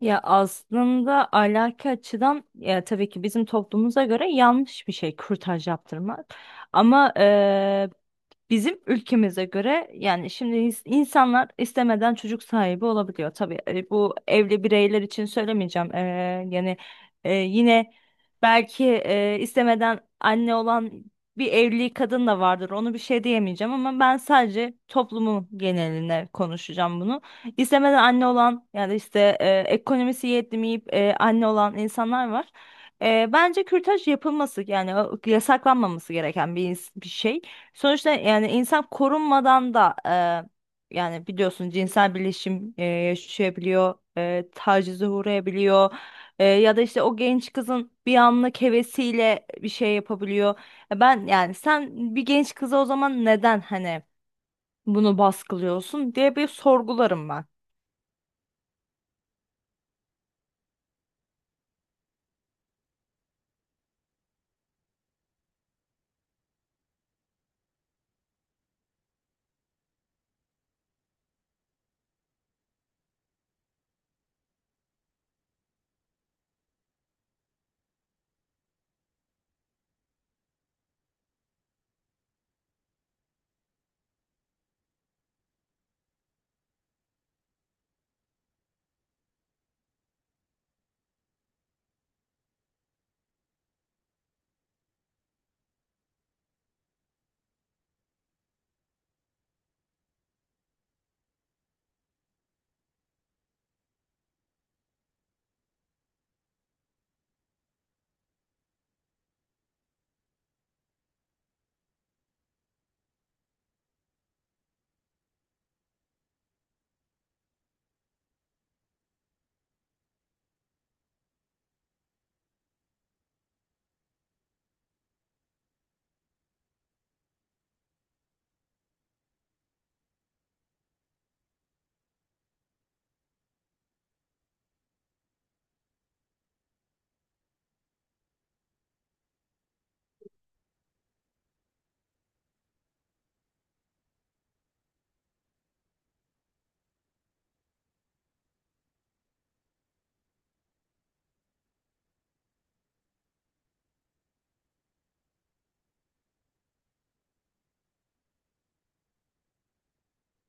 Ya aslında ahlaki açıdan ya tabii ki bizim toplumumuza göre yanlış bir şey kürtaj yaptırmak. Ama bizim ülkemize göre yani şimdi insanlar istemeden çocuk sahibi olabiliyor. Tabii bu evli bireyler için söylemeyeceğim. Yani yine belki istemeden anne olan bir evli kadın da vardır. Onu bir şey diyemeyeceğim ama ben sadece toplumun geneline konuşacağım bunu. İstemeden anne olan yani işte ekonomisi yetmeyip anne olan insanlar var. Bence kürtaj yapılması yani yasaklanmaması gereken bir, bir şey. Sonuçta yani insan korunmadan da yani biliyorsun cinsel birleşim yaşayabiliyor, tacize uğrayabiliyor. Ya da işte o genç kızın bir anlık hevesiyle bir şey yapabiliyor. Ben yani sen bir genç kıza o zaman neden hani bunu baskılıyorsun diye bir sorgularım ben.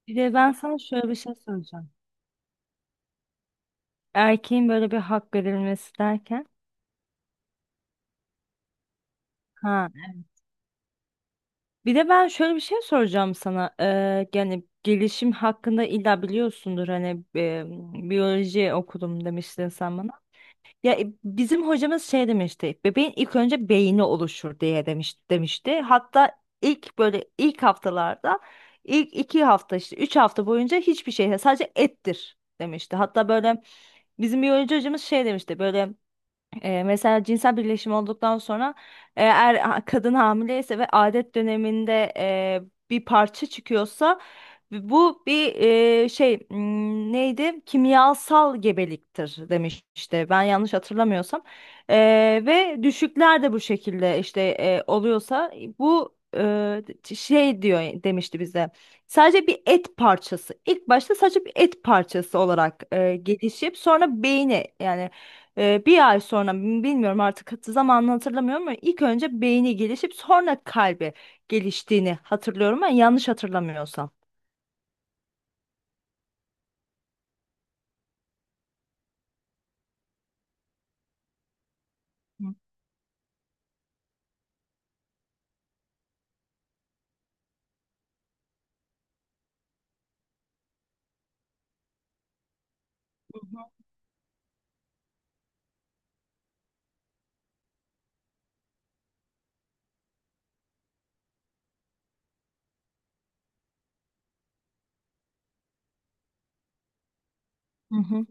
Bir de ben sana şöyle bir şey söyleyeceğim. Erkeğin böyle bir hak verilmesi derken. Ha. Bir de ben şöyle bir şey soracağım sana. Yani gelişim hakkında illa biliyorsundur hani biyoloji okudum demiştin sen bana. Ya bizim hocamız şey demişti. Bebeğin ilk önce beyni oluşur diye demişti. Hatta ilk böyle ilk haftalarda ilk iki hafta işte üç hafta boyunca hiçbir şey sadece ettir demişti. Hatta böyle bizim biyoloji hocamız şey demişti böyle mesela cinsel birleşim olduktan sonra eğer kadın hamileyse ve adet döneminde bir parça çıkıyorsa bu bir e, şey m, neydi? Kimyasal gebeliktir demiş işte ben yanlış hatırlamıyorsam. E, Ve düşükler de bu şekilde işte oluyorsa bu şey diyor demişti bize. Sadece bir et parçası. İlk başta sadece bir et parçası olarak gelişip sonra beyni yani bir ay sonra bilmiyorum artık zamanını hatırlamıyorum ama ilk önce beyni gelişip sonra kalbi geliştiğini hatırlıyorum ben yanlış hatırlamıyorsam. Hı hı.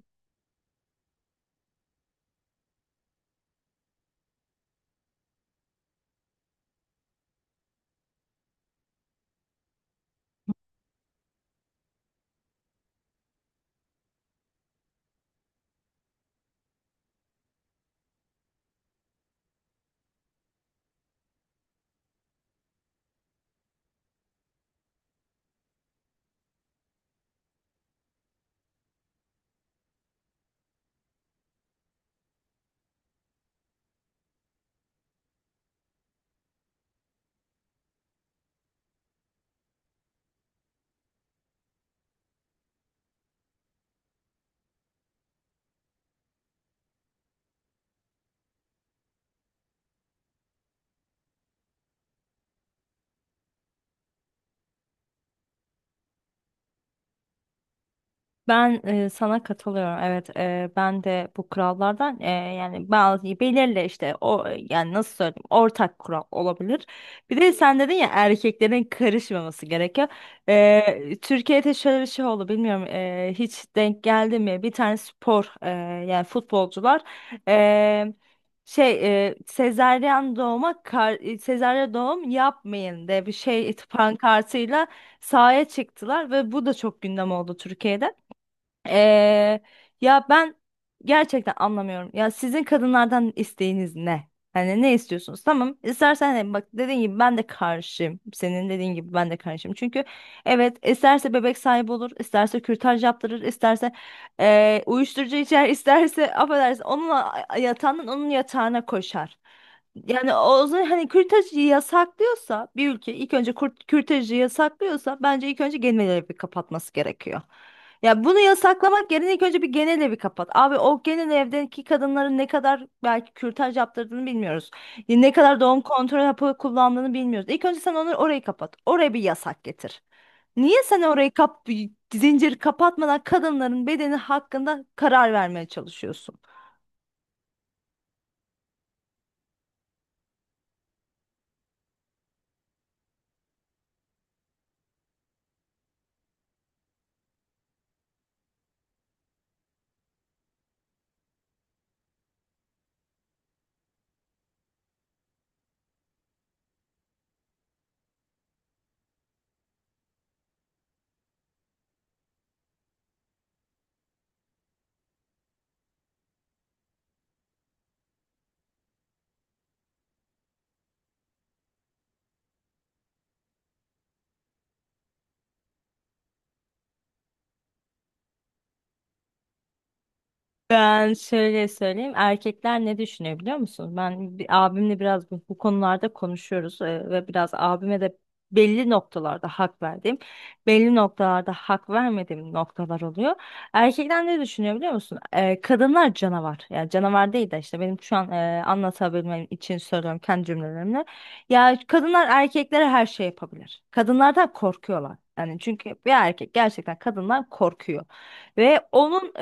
Ben sana katılıyorum. Evet, ben de bu kurallardan yani bazı belirli işte o yani nasıl söyleyeyim ortak kural olabilir. Bir de sen dedin ya erkeklerin karışmaması gerekiyor. Türkiye'de şöyle bir şey oldu bilmiyorum hiç denk geldi mi? Bir tane spor yani futbolcular e, sezaryen doğum yapmayın diye bir şey pankartıyla sahaya çıktılar ve bu da çok gündem oldu Türkiye'de. Ee, Ya ben gerçekten anlamıyorum. Ya sizin kadınlardan isteğiniz ne? Hani ne istiyorsunuz? Tamam. İstersen hani bak dediğin gibi ben de karşıyım. Senin dediğin gibi ben de karşıyım. Çünkü evet isterse bebek sahibi olur, isterse kürtaj yaptırır, isterse uyuşturucu içer, isterse affedersin onunla yatağından onun yatağına koşar. Yani o zaman hani kürtajı yasaklıyorsa bir ülke ilk önce kürtajı yasaklıyorsa bence ilk önce gemileri bir kapatması gerekiyor. Ya bunu yasaklamak yerine ilk önce bir genel evi kapat. Abi o genel evdeki kadınların ne kadar belki kürtaj yaptırdığını bilmiyoruz. Ne kadar doğum kontrol hapı kullandığını bilmiyoruz. İlk önce sen onları orayı kapat. Oraya bir yasak getir. Niye sen orayı kap Zincir kapatmadan kadınların bedeni hakkında karar vermeye çalışıyorsun? Ben şöyle söyleyeyim. Erkekler ne düşünüyor biliyor musun? Abimle biraz bu konularda konuşuyoruz ve biraz abime de belli noktalarda hak verdiğim, belli noktalarda hak vermediğim noktalar oluyor. Erkekler ne düşünüyor biliyor musun? Kadınlar canavar. Yani canavar değil de işte benim şu an anlatabilmem için söylüyorum kendi cümlelerimle. Ya kadınlar erkeklere her şey yapabilir. Kadınlardan korkuyorlar. Yani çünkü bir erkek gerçekten kadından korkuyor. Ve onun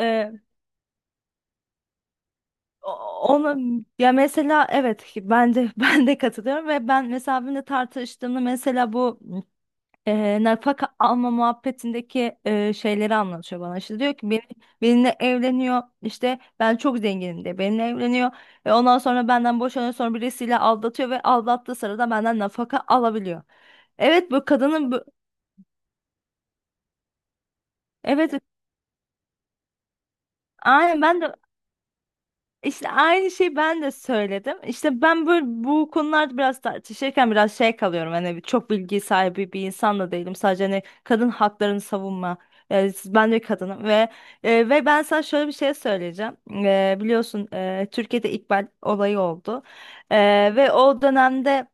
ona Ya mesela evet ki ben de ben de katılıyorum ve ben mesela benimle tartıştığımda mesela bu nafaka alma muhabbetindeki şeyleri anlatıyor bana. İşte diyor ki benimle evleniyor işte ben çok zenginim de benimle evleniyor. Ondan sonra benden boşanıyor sonra birisiyle aldatıyor ve aldattığı sırada benden nafaka alabiliyor. Evet bu kadının bu, evet, aynen, ben de İşte aynı şeyi ben de söyledim. İşte ben böyle bu konularda biraz tartışırken biraz şey kalıyorum. Hani çok bilgi sahibi bir insan da değilim. Sadece hani kadın haklarını savunma. Ben de kadınım ve ben sana şöyle bir şey söyleyeceğim. Biliyorsun Türkiye'de İkbal olayı oldu. E, Ve o dönemde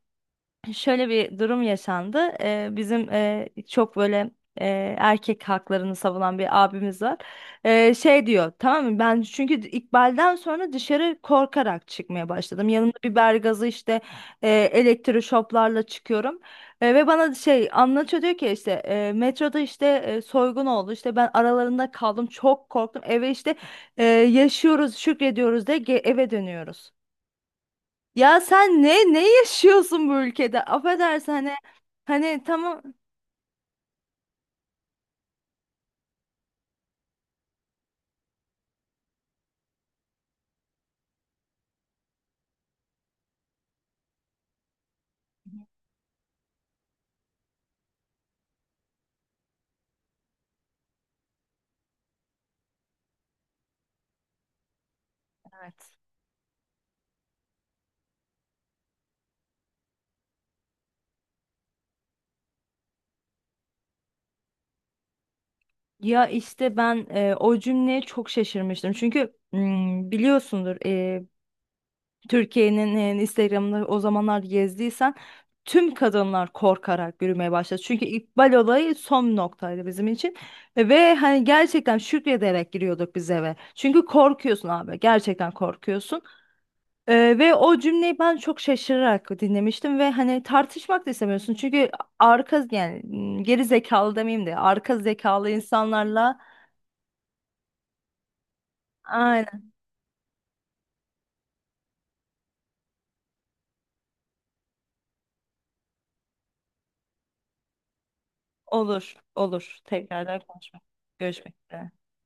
şöyle bir durum yaşandı. Bizim çok böyle erkek haklarını savunan bir abimiz var. Şey diyor, tamam mı? Ben çünkü İkbal'den sonra dışarı korkarak çıkmaya başladım. Yanımda biber gazı işte elektroşoplarla çıkıyorum. Ve bana şey anlatıyor diyor ki işte metroda işte soygun oldu. İşte ben aralarında kaldım. Çok korktum. Eve işte yaşıyoruz, şükrediyoruz de eve dönüyoruz. Ya sen ne yaşıyorsun bu ülkede? Affedersin hani hani tamam. Evet. Ya işte ben o cümleye çok şaşırmıştım. Çünkü biliyorsundur Türkiye'nin Instagram'ını o zamanlar gezdiysen tüm kadınlar korkarak yürümeye başladı. Çünkü İkbal olayı son noktaydı bizim için. Ve hani gerçekten şükrederek giriyorduk biz eve. Çünkü korkuyorsun abi. Gerçekten korkuyorsun. Ve o cümleyi ben çok şaşırarak dinlemiştim ve hani tartışmak da istemiyorsun. Çünkü arka yani geri zekalı demeyeyim de arka zekalı insanlarla aynen olur olur tekrardan konuşmak görüşmek üzere.